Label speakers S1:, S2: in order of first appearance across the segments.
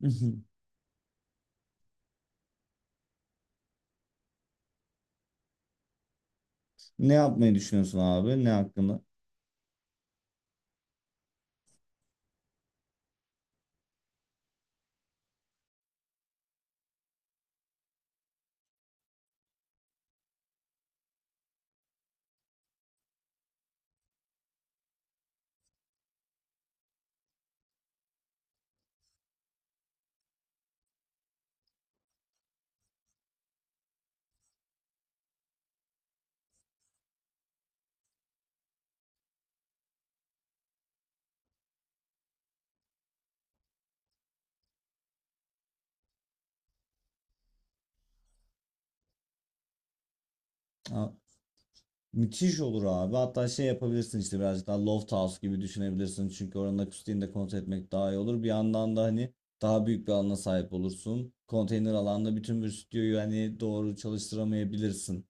S1: Ne yapmayı düşünüyorsun abi? Ne hakkında? Müthiş olur abi. Hatta şey yapabilirsin işte, birazcık daha loft house gibi düşünebilirsin. Çünkü oranın akustiğini de kontrol etmek daha iyi olur. Bir yandan da hani daha büyük bir alana sahip olursun. Konteyner alanda bütün bir stüdyoyu hani doğru çalıştıramayabilirsin.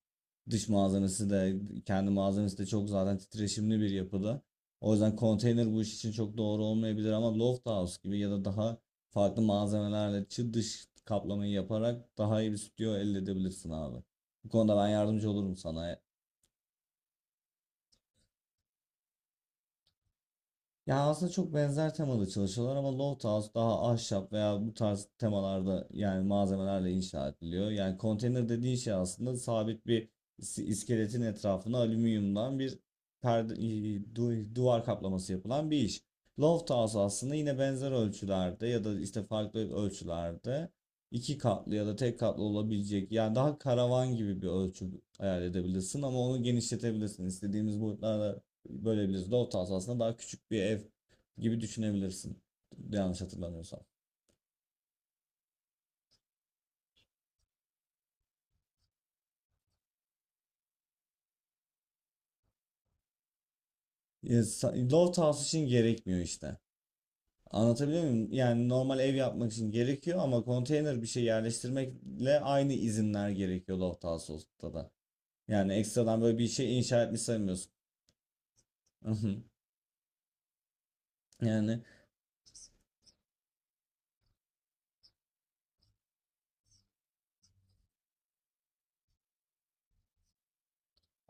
S1: Dış malzemesi de kendi malzemesi de çok zaten titreşimli bir yapıda. O yüzden konteyner bu iş için çok doğru olmayabilir ama loft house gibi ya da daha farklı malzemelerle dış kaplamayı yaparak daha iyi bir stüdyo elde edebilirsin abi. Bu konuda ben yardımcı olurum sana. Ya aslında çok benzer temalı çalışıyorlar ama Loft House daha ahşap veya bu tarz temalarda, yani malzemelerle inşa ediliyor. Yani konteyner dediğin şey aslında sabit bir iskeletin etrafına alüminyumdan bir perde, duvar kaplaması yapılan bir iş. Loft House aslında yine benzer ölçülerde ya da işte farklı ölçülerde, iki katlı ya da tek katlı olabilecek, yani daha karavan gibi bir ölçü hayal edebilirsin ama onu genişletebilirsin. İstediğimiz boyutlarda, böyle Loft house aslında daha küçük bir ev gibi düşünebilirsin. Yanlış hatırlamıyorsam. E, House için gerekmiyor işte. Anlatabiliyor muyum? Yani normal ev yapmak için gerekiyor ama konteyner bir şey yerleştirmekle aynı izinler gerekiyor loft house'da da. Yani ekstradan böyle bir şey inşa etmiş sayılmıyorsun. Yani.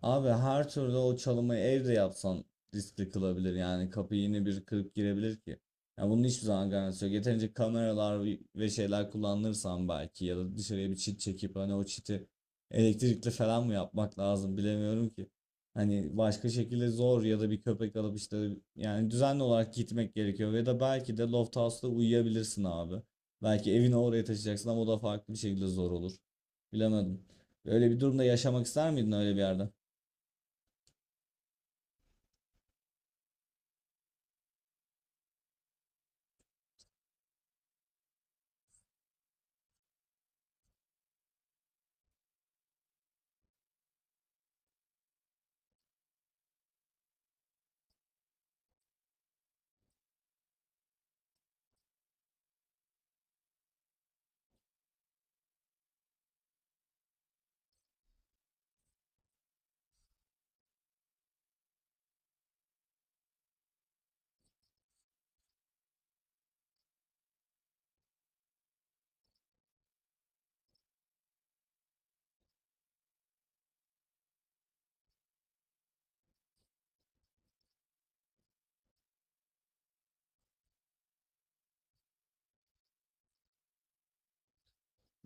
S1: Abi her türlü, o çalımı evde yapsan riskli kılabilir yani, kapıyı yine bir kırıp girebilir ki. Yani bunun hiçbir zaman garantisi yok. Yeterince kameralar ve şeyler kullanırsan belki, ya da dışarıya bir çit çekip hani o çiti elektrikli falan mı yapmak lazım bilemiyorum ki. Hani başka şekilde zor, ya da bir köpek alıp işte, yani düzenli olarak gitmek gerekiyor, ya da belki de loft house'da uyuyabilirsin abi. Belki evini oraya taşıyacaksın ama o da farklı bir şekilde zor olur. Bilemedim. Öyle bir durumda yaşamak ister miydin, öyle bir yerde?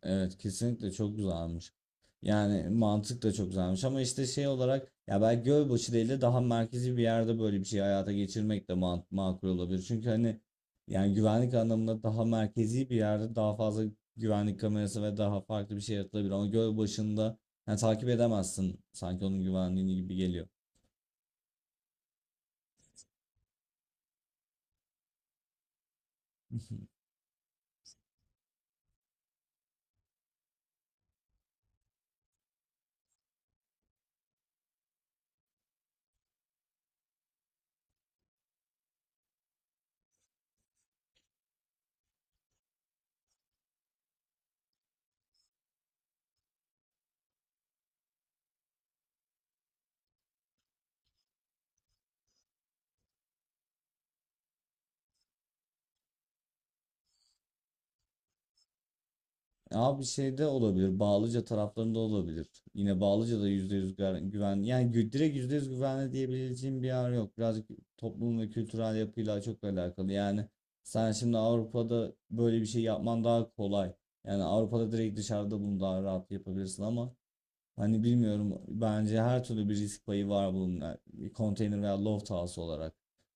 S1: Evet, kesinlikle çok güzelmiş. Yani mantık da çok güzelmiş ama işte şey olarak, ya belki Gölbaşı değil de daha merkezi bir yerde böyle bir şeyi hayata geçirmek de makul olabilir. Çünkü hani, yani güvenlik anlamında daha merkezi bir yerde daha fazla güvenlik kamerası ve daha farklı bir şey yaratılabilir. Ama Gölbaşı'nda yani takip edemezsin sanki, onun güvenliğini gibi geliyor. Abi şeyde olabilir. Bağlıca taraflarında olabilir. Yine Bağlıca'da %100 güven. Yani direkt %100 güvenli diyebileceğim bir yer yok. Birazcık toplum ve kültürel yapıyla çok alakalı. Yani sen şimdi Avrupa'da böyle bir şey yapman daha kolay. Yani Avrupa'da direkt dışarıda bunu daha rahat yapabilirsin ama hani bilmiyorum, bence her türlü bir risk payı var bunun, yani konteyner veya loft house olarak.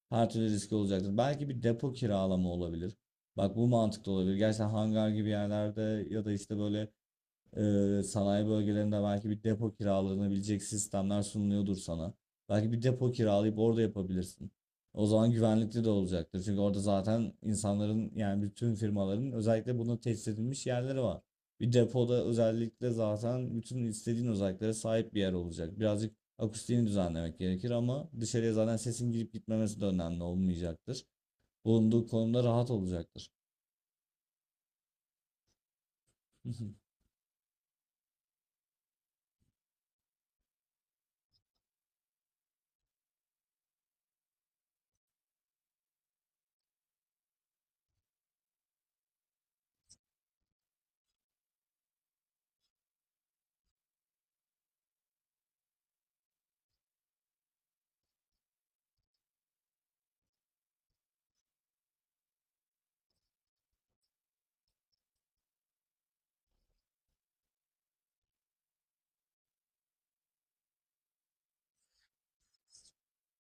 S1: Her türlü riski olacaktır. Belki bir depo kiralama olabilir. Bak, bu mantıklı olabilir. Gerçekten hangar gibi yerlerde ya da işte böyle sanayi bölgelerinde belki bir depo kiralanabilecek sistemler sunuluyordur sana. Belki bir depo kiralayıp orada yapabilirsin. O zaman güvenlikli de olacaktır. Çünkü orada zaten insanların, yani bütün firmaların özellikle buna tesis edilmiş yerleri var. Bir depoda özellikle zaten bütün istediğin özelliklere sahip bir yer olacak. Birazcık akustiğini düzenlemek gerekir ama dışarıya zaten sesin girip gitmemesi de önemli olmayacaktır. Bulunduğu konumda rahat olacaktır.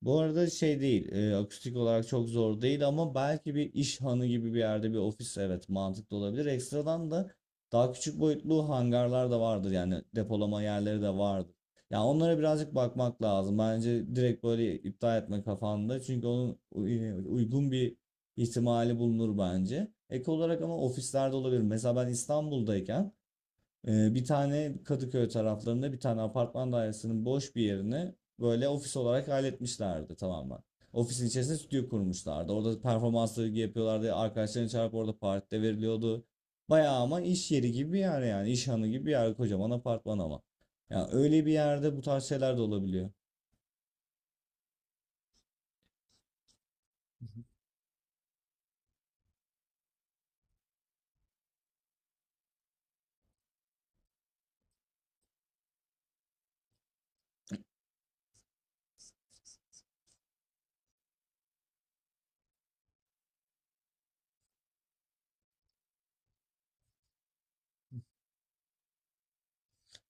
S1: Bu arada şey değil, akustik olarak çok zor değil ama belki bir iş hanı gibi bir yerde bir ofis, evet, mantıklı olabilir. Ekstradan da daha küçük boyutlu hangarlar da vardır, yani depolama yerleri de vardır. Yani onlara birazcık bakmak lazım. Bence direkt böyle iptal etme kafanda, çünkü onun uygun bir ihtimali bulunur bence. Ek olarak ama ofislerde olabilir. Mesela ben İstanbul'dayken bir tane Kadıköy taraflarında bir tane apartman dairesinin boş bir yerini böyle ofis olarak halletmişlerdi tamamen. Ofisin içerisinde stüdyo kurmuşlardı. Orada performansları yapıyorlardı. Arkadaşlarını çağırıp orada partide veriliyordu. Bayağı ama iş yeri gibi bir yer yani. İş hanı gibi bir yer. Kocaman apartman ama. Yani öyle bir yerde bu tarz şeyler de olabiliyor.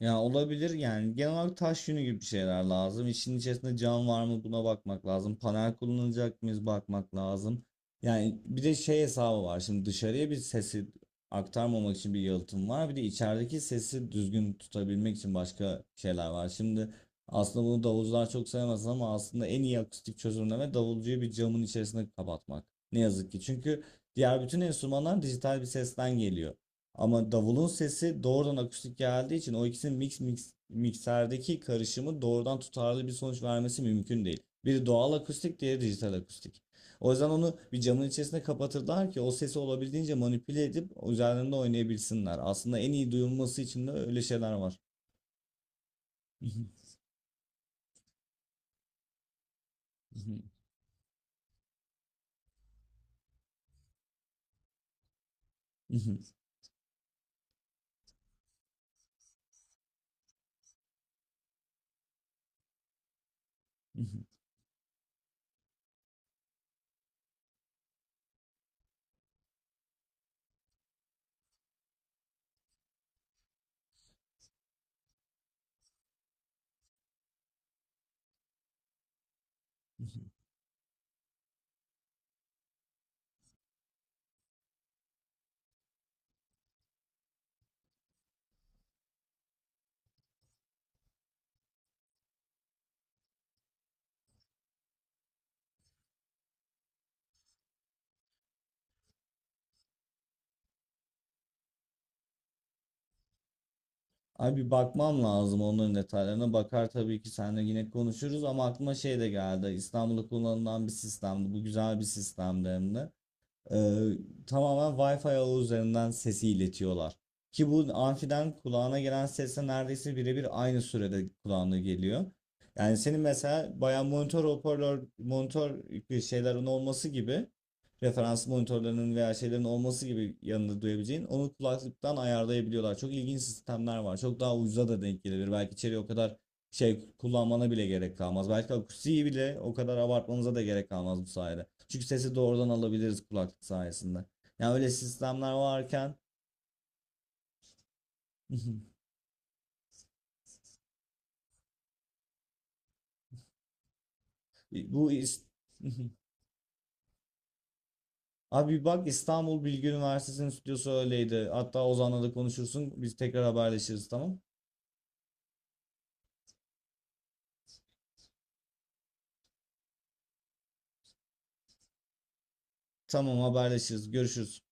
S1: Ya olabilir, yani genel olarak taş yünü gibi bir şeyler lazım. İşin içerisinde cam var mı buna bakmak lazım. Panel kullanacak mıyız, bakmak lazım. Yani bir de şey hesabı var. Şimdi dışarıya bir sesi aktarmamak için bir yalıtım var. Bir de içerideki sesi düzgün tutabilmek için başka şeyler var. Şimdi, aslında bunu davulcular çok sevmez ama aslında en iyi akustik çözümleme, davulcuyu bir camın içerisine kapatmak. Ne yazık ki. Çünkü diğer bütün enstrümanlar dijital bir sesten geliyor. Ama davulun sesi doğrudan akustik geldiği için o ikisinin mix, mix mikserdeki karışımı doğrudan tutarlı bir sonuç vermesi mümkün değil. Biri doğal akustik, diğeri dijital akustik. O yüzden onu bir camın içerisine kapatırlar ki o sesi olabildiğince manipüle edip üzerlerinde oynayabilsinler. Aslında en iyi duyulması için de öyle şeyler var. Ay, bir bakmam lazım onların detaylarına. Bakar tabii ki, seninle yine konuşuruz ama aklıma şey de geldi. İstanbul'da kullanılan bir sistemdi. Bu güzel bir sistemdi hem de. Ee, Tamamen Wi-Fi ağı üzerinden sesi iletiyorlar. Ki bu amfiden kulağına gelen sesle neredeyse birebir aynı sürede kulağına geliyor. Yani senin mesela bayağı monitör hoparlör, monitör bir şeylerin olması gibi, referans monitörlerinin veya şeylerin olması gibi yanında duyabileceğin, onu kulaklıktan ayarlayabiliyorlar. Çok ilginç sistemler var. Çok daha ucuza da denk gelebilir. Belki içeriye o kadar şey kullanmana bile gerek kalmaz. Belki akustiği bile o kadar abartmanıza da gerek kalmaz bu sayede. Çünkü sesi doğrudan alabiliriz kulaklık sayesinde. Yani öyle sistemler varken. bu is- Abi bak, İstanbul Bilgi Üniversitesi'nin stüdyosu öyleydi. Hatta Ozan'la da konuşursun. Biz tekrar haberleşiriz, tamam. Tamam, haberleşiriz. Görüşürüz.